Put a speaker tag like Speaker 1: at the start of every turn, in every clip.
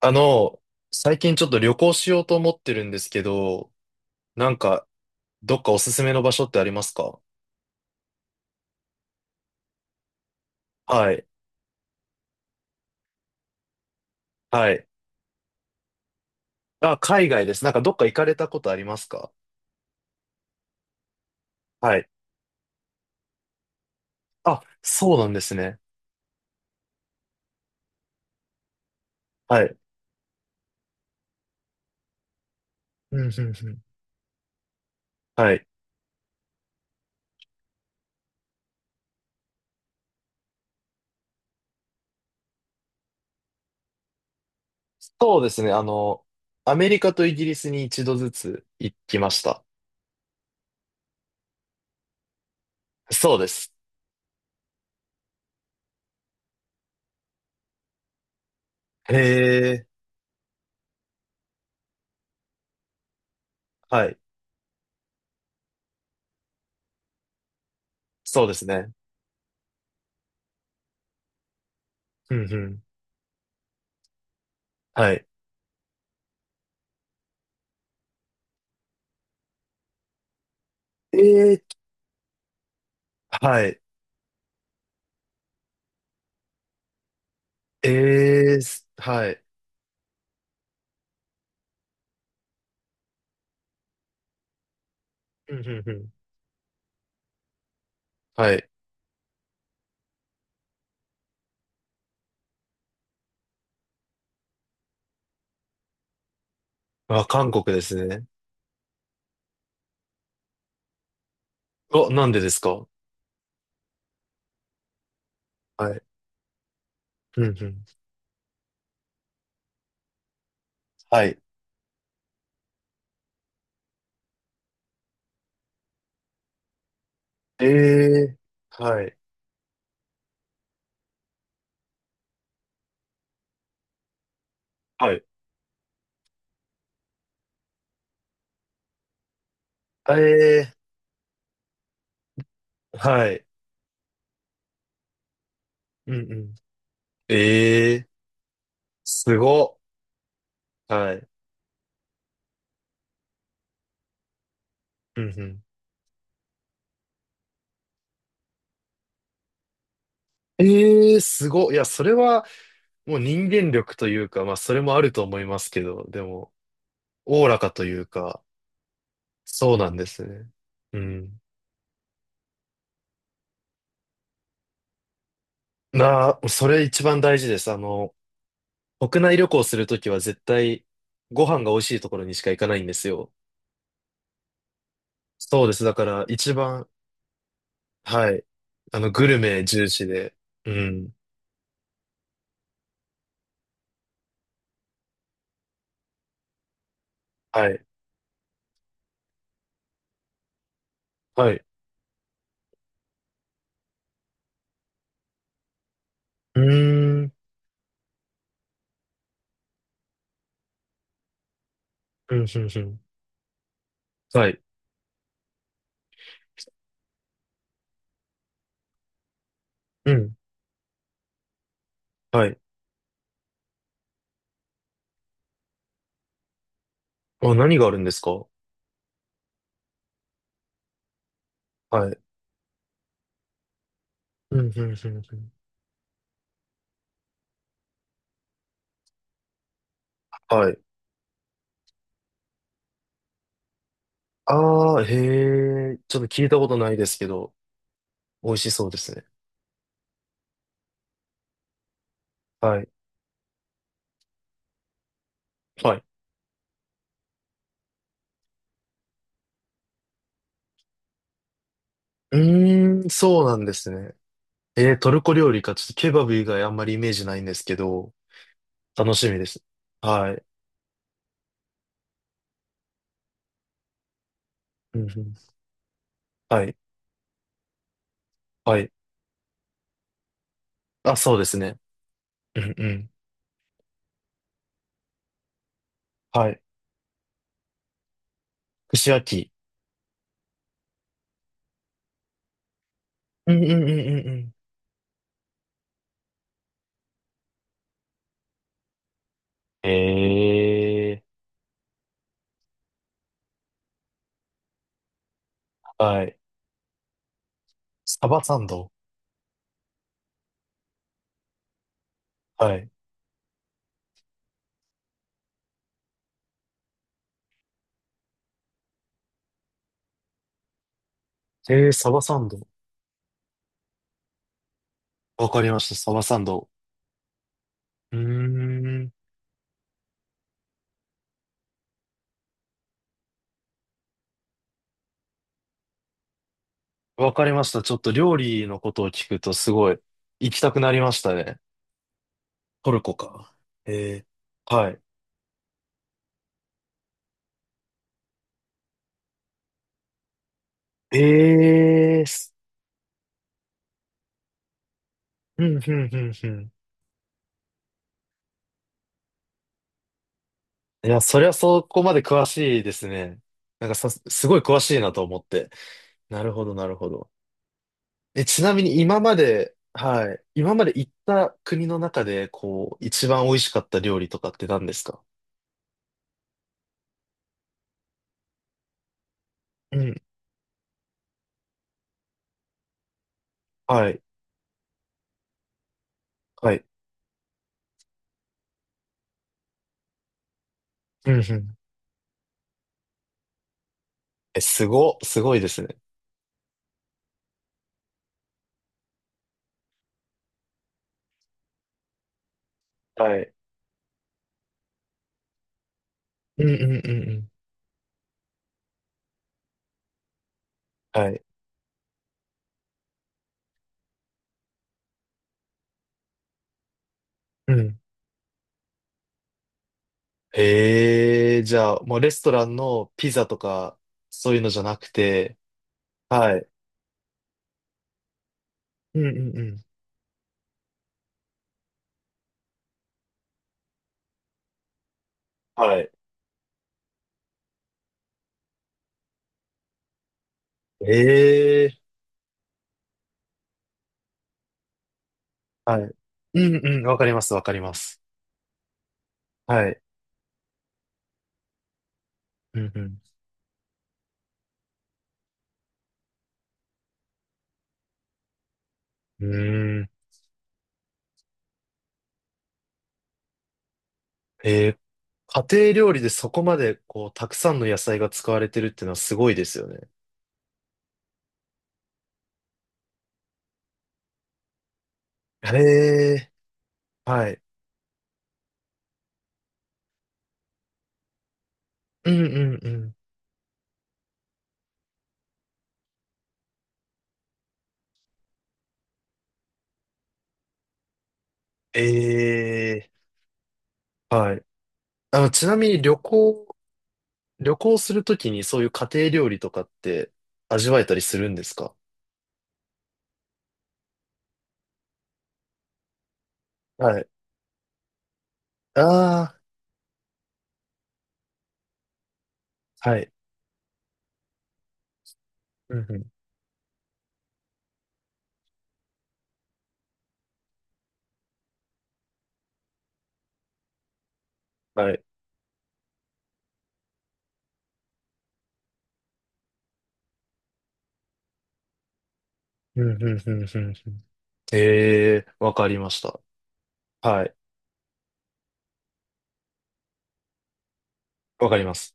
Speaker 1: あの、最近ちょっと旅行しようと思ってるんですけど、なんか、どっかおすすめの場所ってありますか？はい。はい。あ、海外です。なんかどっか行かれたことありますか？はい。あ、そうなんですね。はい。うん、うん、うん。はい。そうですね。アメリカとイギリスに一度ずつ行きました。そうです。へえ。はい。そうですね。うん、うん。はい。ええ。はい。ええ。はい。うん、うん、うん。はい。あ、韓国ですね。お、なんでですか？はい。うんうん。はい。ええーはい。はい。ええーはい。うんうん。ええーすごっ。はい。うんうん。ええーすごっ。いや、それはもう人間力というか、まあ、それもあると思いますけど、でも、おおらかというか、そうなんですね。うん。なあ、それ一番大事です。国内旅行するときは絶対、ご飯が美味しいところにしか行かないんですよ。そうです。だから、一番、はい。グルメ重視で。うん。はい。はい。うーん。うん、うん、うん。はい。うん。はい。あ、何があるんですか？はい。うん、うん、うん、うん。はい。ああ、へえ。ちょっと聞いたことないですけど、美味しそうですね。はい。はい。うーん、そうなんですね。えー、トルコ料理か。ちょっとケバブ以外あんまりイメージないんですけど、楽しみです。はい。うん、うん。はい。はい。あ、そうですね。うん、うん。はい。串焼き。うんうんうんうんうん。ええーはい。サバサンド。はい。ええサバサンド。わかりました、サバサンド。うーん。わかりました。ちょっと料理のことを聞くとすごい行きたくなりましたね。トルコか。ええはい。ええーすうん、うん、うん、うん。いや、そりゃそこまで詳しいですね。なんかさ、すごい詳しいなと思って。なるほど、なるほど。え、ちなみに今まで、はい、今まで行った国の中で、こう、一番美味しかった料理とかって何ですか？うん。はい、はい。うんうん。え、すご、すごいですね。はい。うんうんうんうん。はい。うん。ええじゃあ、もうレストランのピザとか、そういうのじゃなくて、はい。うんうんうん。はい。ええはい。うんうん、わかります、わかります。はい。うんうん。うーん。えー家庭料理でそこまで、こう、たくさんの野菜が使われてるっていうのはすごいですよね。へえ、はい。うんうんうん。ええ、はい。ちなみに旅行、旅行するときにそういう家庭料理とかって味わえたりするんですか？はい。ああ、はい。うんうん。はい。うんうんうんうんうん。ええ、わかりました。はい。わかります。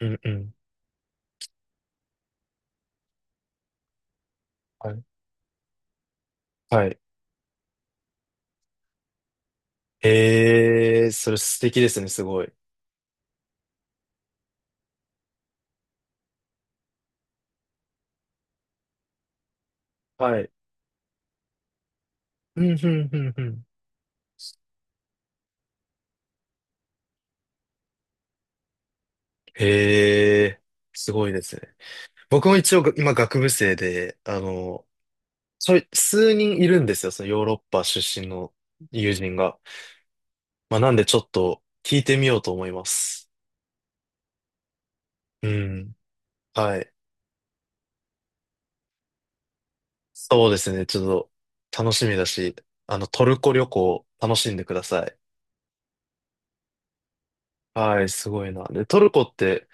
Speaker 1: うんうん。はい。はい。ええ、それ素敵ですね、すごい。はい。うんうんうんうん。へえ、すごいですね。僕も一応が今学部生で、ちょい、数人いるんですよ、そのヨーロッパ出身の友人が。まあ、なんでちょっと聞いてみようと思います。うん。はい。そうですね、ちょっと楽しみだし、トルコ旅行楽しんでください。はい、すごいな。で、トルコって、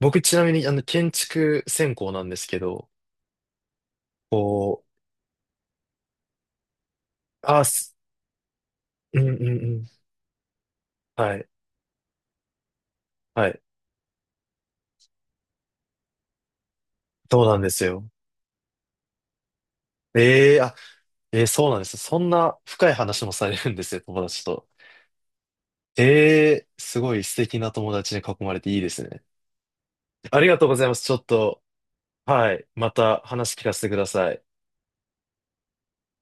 Speaker 1: 僕ちなみに建築専攻なんですけど、こう、あ、すうんうんうん。はい、はい。そうなんですよ。えええーそうなんです。そんな深い話もされるんですよ、友達と。えー、すごい素敵な友達に囲まれていいですね。ありがとうございます。ちょっと、はい、また話聞かせてください。